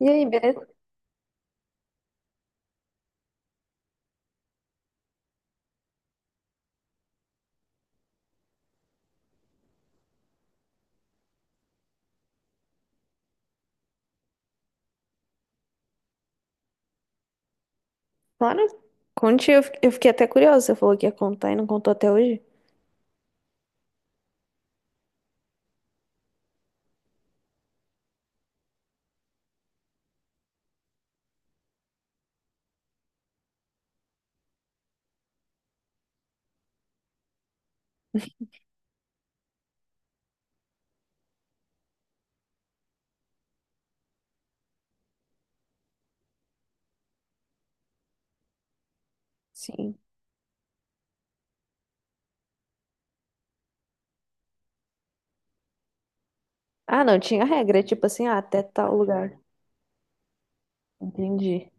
E aí, beleza? Claro. Conte, eu fiquei até curiosa. Você falou que ia contar e não contou até hoje. Sim. Ah, não, tinha regra, tipo assim, ah, até tal lugar. Entendi.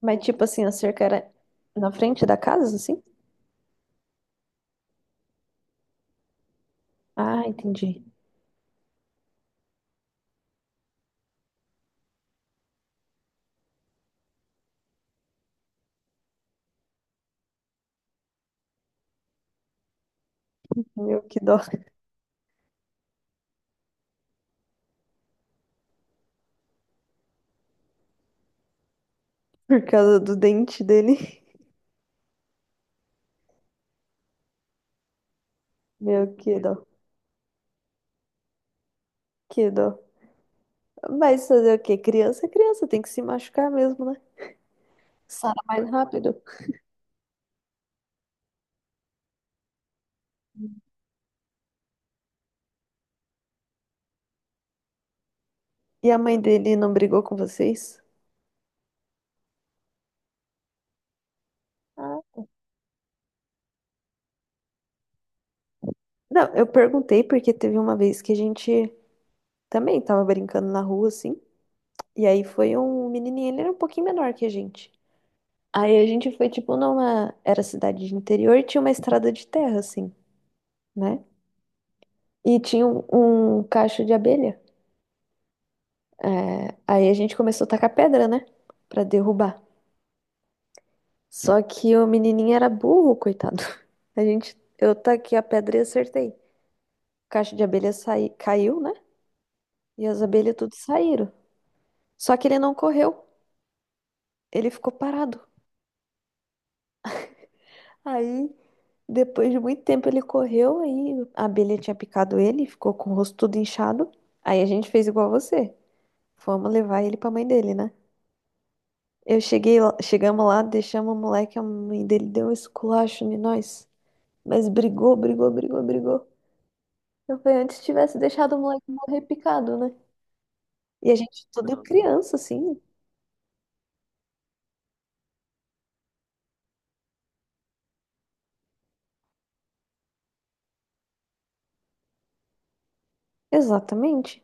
Mas tipo assim, a cerca era na frente da casa, assim? Ah, entendi. Meu, que dó. Por causa do dente dele. Meu, que dó, que dó. Mas fazer o quê? Criança é criança, tem que se machucar mesmo, né? Sara mais rápido. E a mãe dele não brigou com vocês? Ah. Não, eu perguntei porque teve uma vez que a gente também tava brincando na rua, assim. E aí foi um menininho, ele era um pouquinho menor que a gente. Aí a gente foi, tipo, numa... Era cidade de interior e tinha uma estrada de terra, assim, né? E tinha um cacho de abelha. É, aí a gente começou a tacar pedra, né? Pra derrubar. Só que o menininho era burro, coitado. A gente, eu taquei a pedra e acertei. Caixa de abelha saí, caiu, né? E as abelhas tudo saíram. Só que ele não correu, ele ficou parado. Aí, depois de muito tempo, ele correu, aí a abelha tinha picado ele, ficou com o rosto tudo inchado. Aí a gente fez igual você. Fomos levar ele pra mãe dele, né? Eu cheguei, chegamos lá, deixamos o moleque, a mãe dele deu um esculacho em nós. Mas brigou, brigou, brigou, brigou. Eu falei, antes tivesse deixado o moleque morrer picado, né? E a gente tudo criança, assim. Exatamente.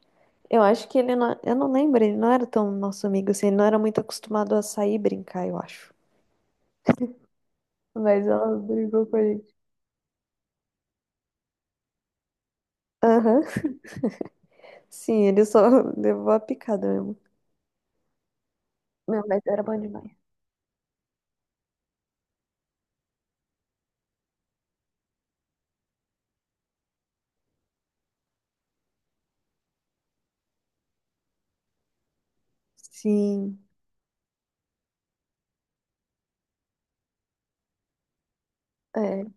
Eu acho que ele não... Eu não lembro, ele não era tão nosso amigo, assim. Ele não era muito acostumado a sair e brincar, eu acho. Mas ela brigou com a gente. Aham. Sim, ele só levou a picada mesmo. Meu, mas era bom demais. Sim. É.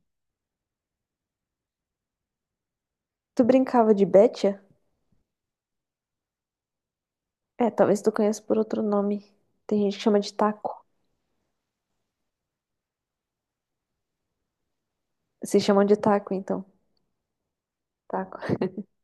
Tu brincava de Betia? É, talvez tu conheça por outro nome. Tem gente que chama de taco. Se chamam de taco, então. Taco.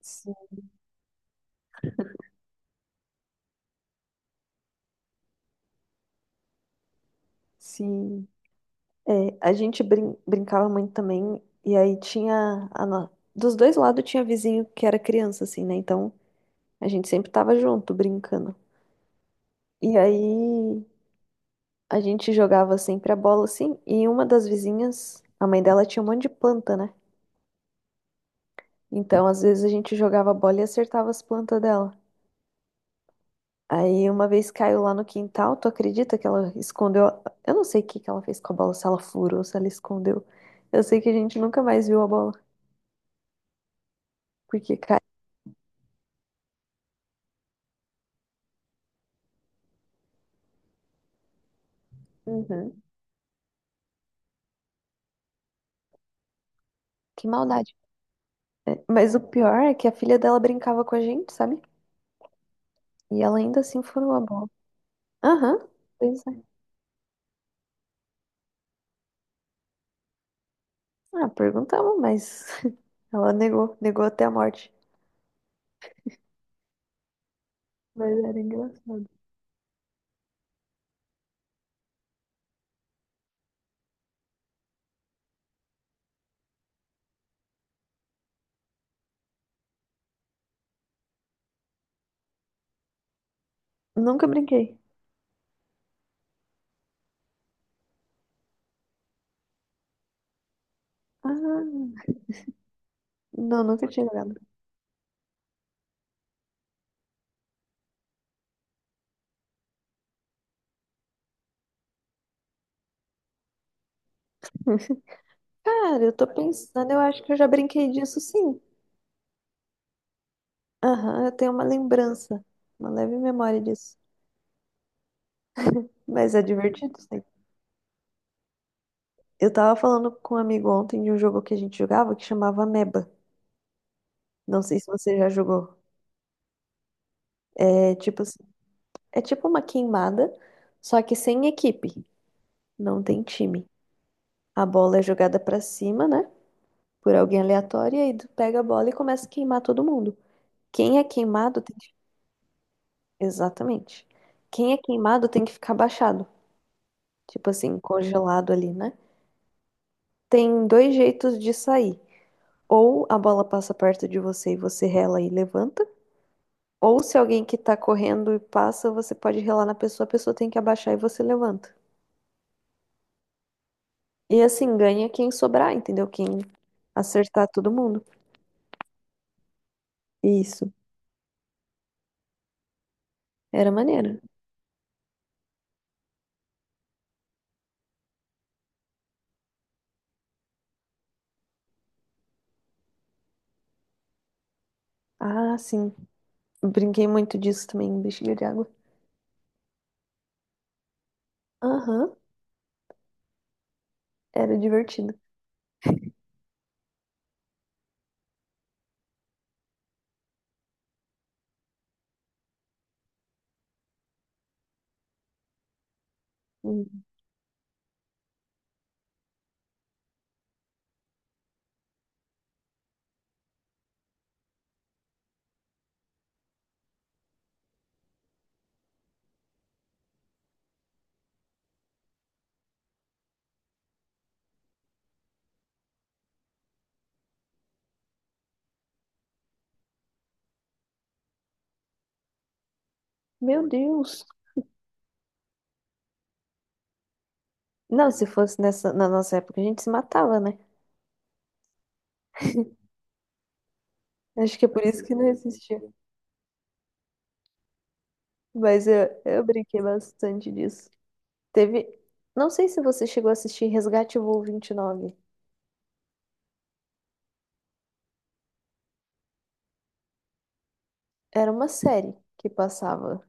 Sim, sim. É, a gente brincava muito também, e aí tinha a dos dois lados tinha vizinho que era criança, assim, né? Então a gente sempre tava junto, brincando. E aí a gente jogava sempre a bola, assim, e uma das vizinhas, a mãe dela tinha um monte de planta, né? Então às vezes a gente jogava a bola e acertava as plantas dela. Aí uma vez caiu lá no quintal, tu acredita que ela escondeu? Eu não sei o que que ela fez com a bola, se ela furou, se ela escondeu. Eu sei que a gente nunca mais viu a bola, porque caiu. Que maldade. É, mas o pior é que a filha dela brincava com a gente, sabe? E ela ainda assim furou a bola. Aham, pois é. Ah, perguntamos, mas ela negou, negou até a morte. Mas era engraçado. Nunca brinquei. Ah, não, nunca tinha jogado. Cara, eu tô pensando, eu acho que eu já brinquei disso sim. Aham, eu tenho uma lembrança, uma leve memória disso. Mas é divertido, sim. Eu tava falando com um amigo ontem de um jogo que a gente jogava que chamava Ameba. Não sei se você já jogou. É tipo assim. É tipo uma queimada, só que sem equipe. Não tem time. A bola é jogada pra cima, né? Por alguém aleatório, e aí tu pega a bola e começa a queimar todo mundo. Quem é queimado tem que... Exatamente. Quem é queimado tem que ficar abaixado. Tipo assim, congelado ali, né? Tem dois jeitos de sair. Ou a bola passa perto de você e você rela e levanta. Ou se alguém que tá correndo e passa, você pode relar na pessoa, a pessoa tem que abaixar e você levanta. E assim, ganha quem sobrar, entendeu? Quem acertar todo mundo. Isso. Era maneiro. Ah, sim. Brinquei muito disso também, bexiga de água. Aham, era divertido. Hum. Meu Deus. Não, se fosse nessa, na nossa época, a gente se matava, né? Acho que é por isso que não existia. Mas eu brinquei bastante disso. Teve. Não sei se você chegou a assistir Resgate Voo 29. Era uma série que passava.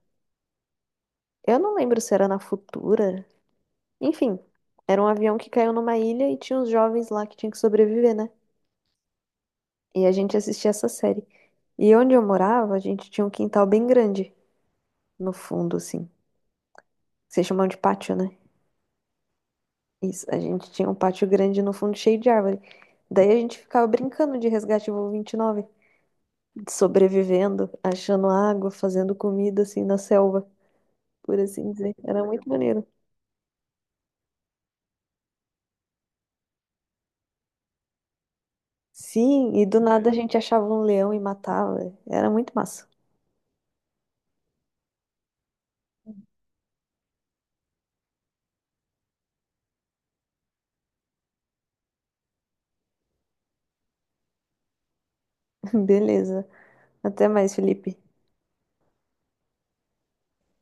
Eu não lembro se era na Futura. Enfim, era um avião que caiu numa ilha e tinha uns jovens lá que tinham que sobreviver, né? E a gente assistia essa série. E onde eu morava, a gente tinha um quintal bem grande no fundo, assim. Vocês chamam de pátio, né? Isso, a gente tinha um pátio grande no fundo cheio de árvore. Daí a gente ficava brincando de Resgate Voo 29 sobrevivendo, achando água, fazendo comida, assim, na selva, por assim dizer. Era muito maneiro. Sim, e do nada a gente achava um leão e matava. Era muito massa. Beleza. Até mais, Felipe.